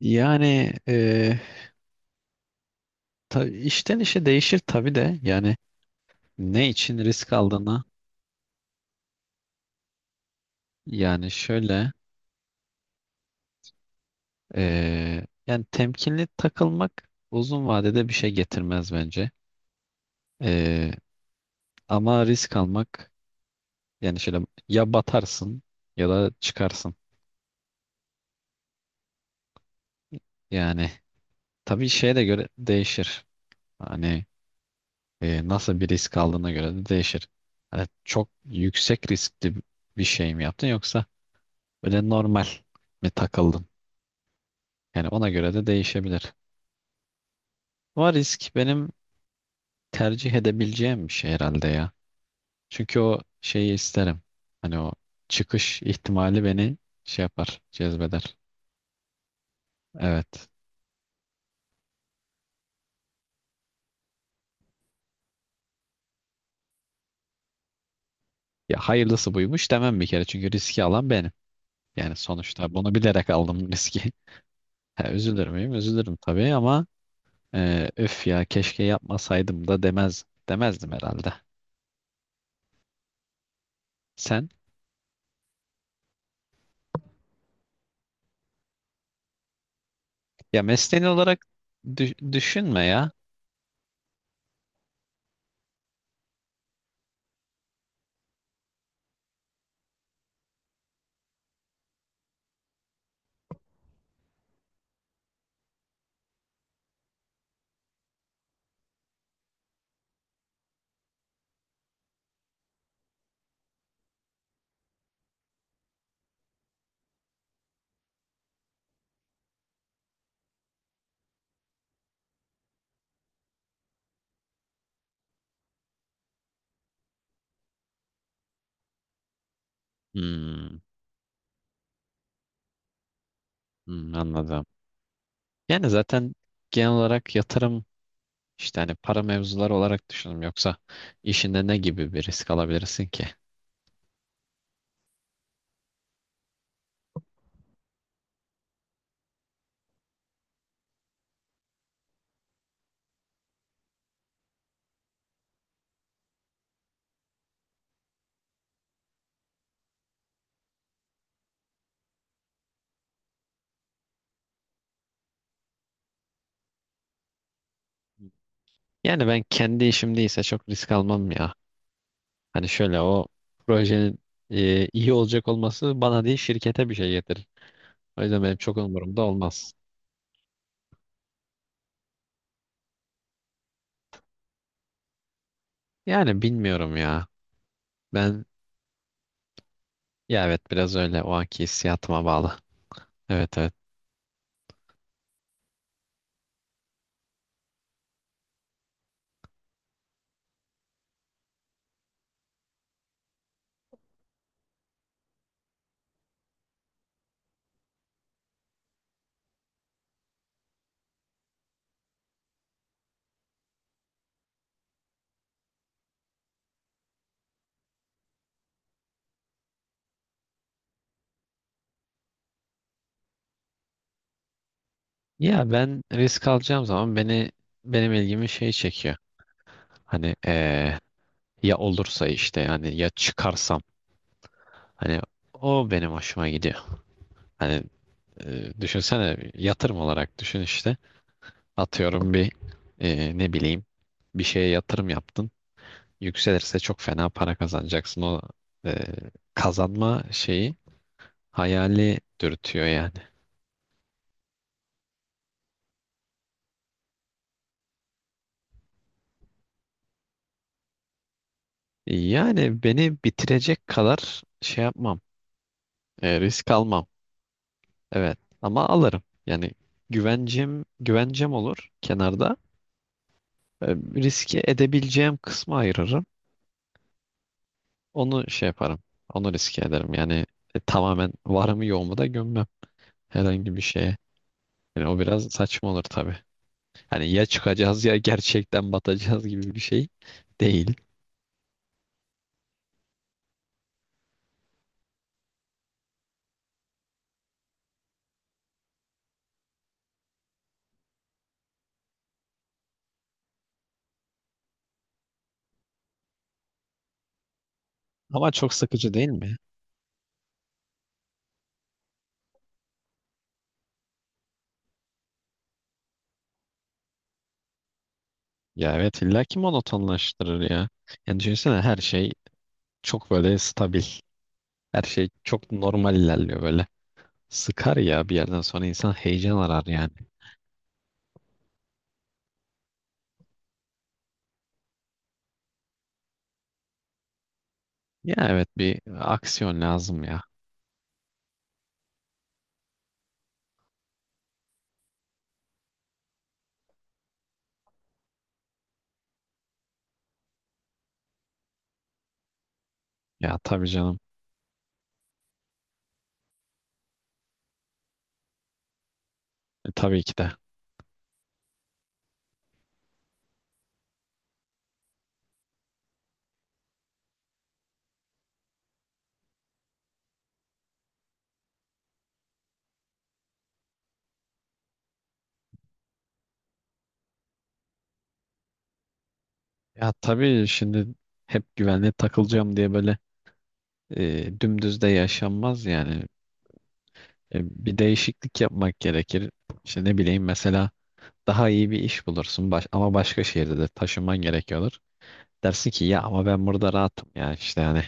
Yani e, işten işe değişir tabii de, yani ne için risk aldığını... yani şöyle e, Yani temkinli takılmak uzun vadede bir şey getirmez bence. E, Ama risk almak, yani şöyle, ya batarsın ya da çıkarsın. Yani tabii şeye de göre değişir. Hani nasıl bir risk aldığına göre de değişir. Hani çok yüksek riskli bir şey mi yaptın, yoksa böyle normal mi takıldın? Yani ona göre de değişebilir. Ama risk benim tercih edebileceğim bir şey herhalde ya. Çünkü o şeyi isterim. Hani o çıkış ihtimali beni şey yapar, cezbeder. Evet. Ya hayırlısı buymuş demem bir kere. Çünkü riski alan benim. Yani sonuçta bunu bilerek aldım riski. Ha, üzülür müyüm? Üzülürüm tabii ama öf, ya keşke yapmasaydım da demezdim herhalde. Sen, ya mesleğin olarak düşünme ya. Hmm, hmm, anladım. Yani zaten genel olarak yatırım, işte hani para mevzuları olarak düşündüm, yoksa işinde ne gibi bir risk alabilirsin ki? Yani ben kendi işimdeyse çok risk almam ya. Hani şöyle, o projenin iyi olacak olması bana değil şirkete bir şey getirir. O yüzden benim çok umurumda olmaz. Yani bilmiyorum ya. Ben, ya evet, biraz öyle, o anki hissiyatıma bağlı. Evet, evet. Ya ben risk alacağım zaman beni, benim ilgimi şey çekiyor. Hani ya olursa, işte, yani ya çıkarsam, hani o benim hoşuma gidiyor. Hani düşünsene, yatırım olarak düşün işte. Atıyorum bir, ne bileyim, bir şeye yatırım yaptın. Yükselirse çok fena para kazanacaksın. O e, kazanma şeyi, hayali dürtüyor yani. Yani beni bitirecek kadar şey yapmam. Risk almam. Evet ama alırım. Yani güvencem olur kenarda. E, Riske edebileceğim kısmı ayırırım. Onu şey yaparım. Onu riske ederim. Yani tamamen varımı yoğumu da gömmem herhangi bir şeye. Yani o biraz saçma olur tabii. Hani ya çıkacağız ya gerçekten batacağız gibi bir şey değil. Ama çok sıkıcı değil mi? Ya evet, illa ki monotonlaştırır ya. Yani düşünsene, her şey çok böyle stabil. Her şey çok normal ilerliyor böyle. Sıkar ya, bir yerden sonra insan heyecan arar yani. Ya evet, bir aksiyon lazım ya. Ya tabii canım. Tabii ki de. Ya tabii şimdi, hep güvenliğe takılacağım diye böyle dümdüz de yaşanmaz yani. E, Bir değişiklik yapmak gerekir. İşte ne bileyim, mesela daha iyi bir iş bulursun ama başka şehirde de taşınman gerekiyordur. Dersin ki ya ama ben burada rahatım ya, işte yani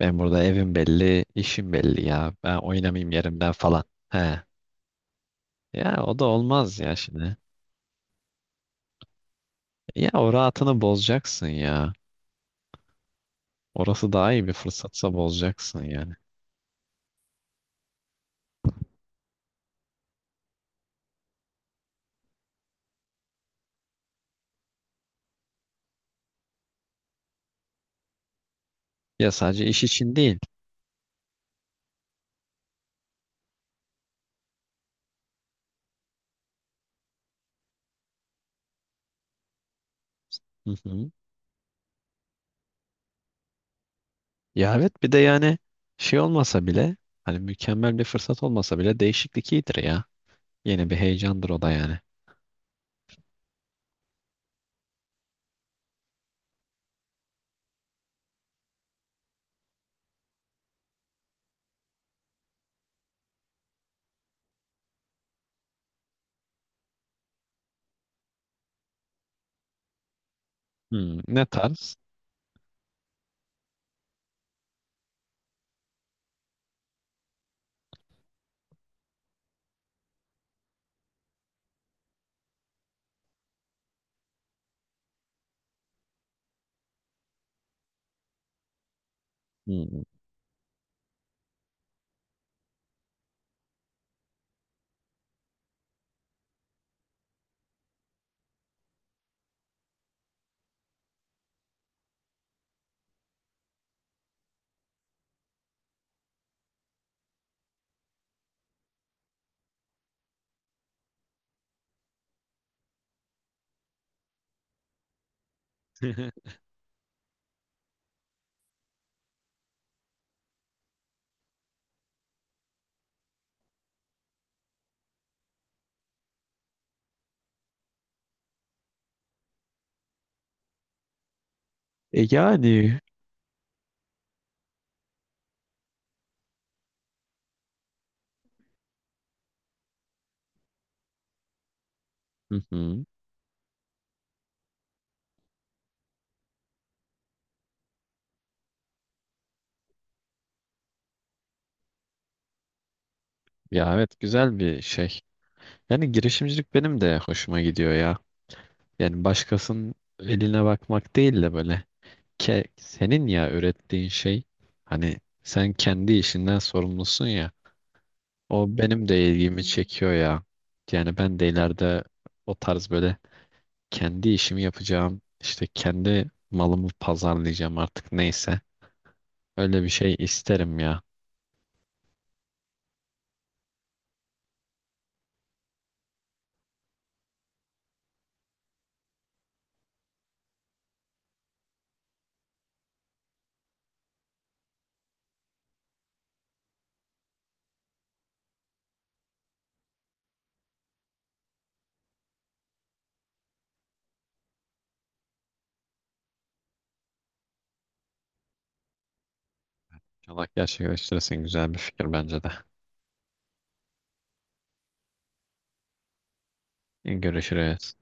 ben burada evim belli, işim belli, ya ben oynamayayım yerimden falan. He. Ya o da olmaz ya şimdi. Ya o rahatını bozacaksın ya. Orası daha iyi bir fırsatsa bozacaksın yani. Ya sadece iş için değil. Hı hı. Ya evet, bir de yani şey olmasa bile, hani mükemmel bir fırsat olmasa bile, değişiklik iyidir ya. Yeni bir heyecandır o da yani. Hmm, ne tarz? Hmm. E yani, hı hı. Ya evet, güzel bir şey. Yani girişimcilik benim de hoşuma gidiyor ya. Yani başkasının eline bakmak değil de böyle, ke senin ya ürettiğin şey, hani sen kendi işinden sorumlusun ya, o benim de ilgimi çekiyor ya. Yani ben de ileride o tarz böyle kendi işimi yapacağım, işte kendi malımı pazarlayacağım, artık neyse öyle bir şey isterim ya. İnşallah gerçekleştirirsin, güzel bir fikir bence de. Görüşürüz.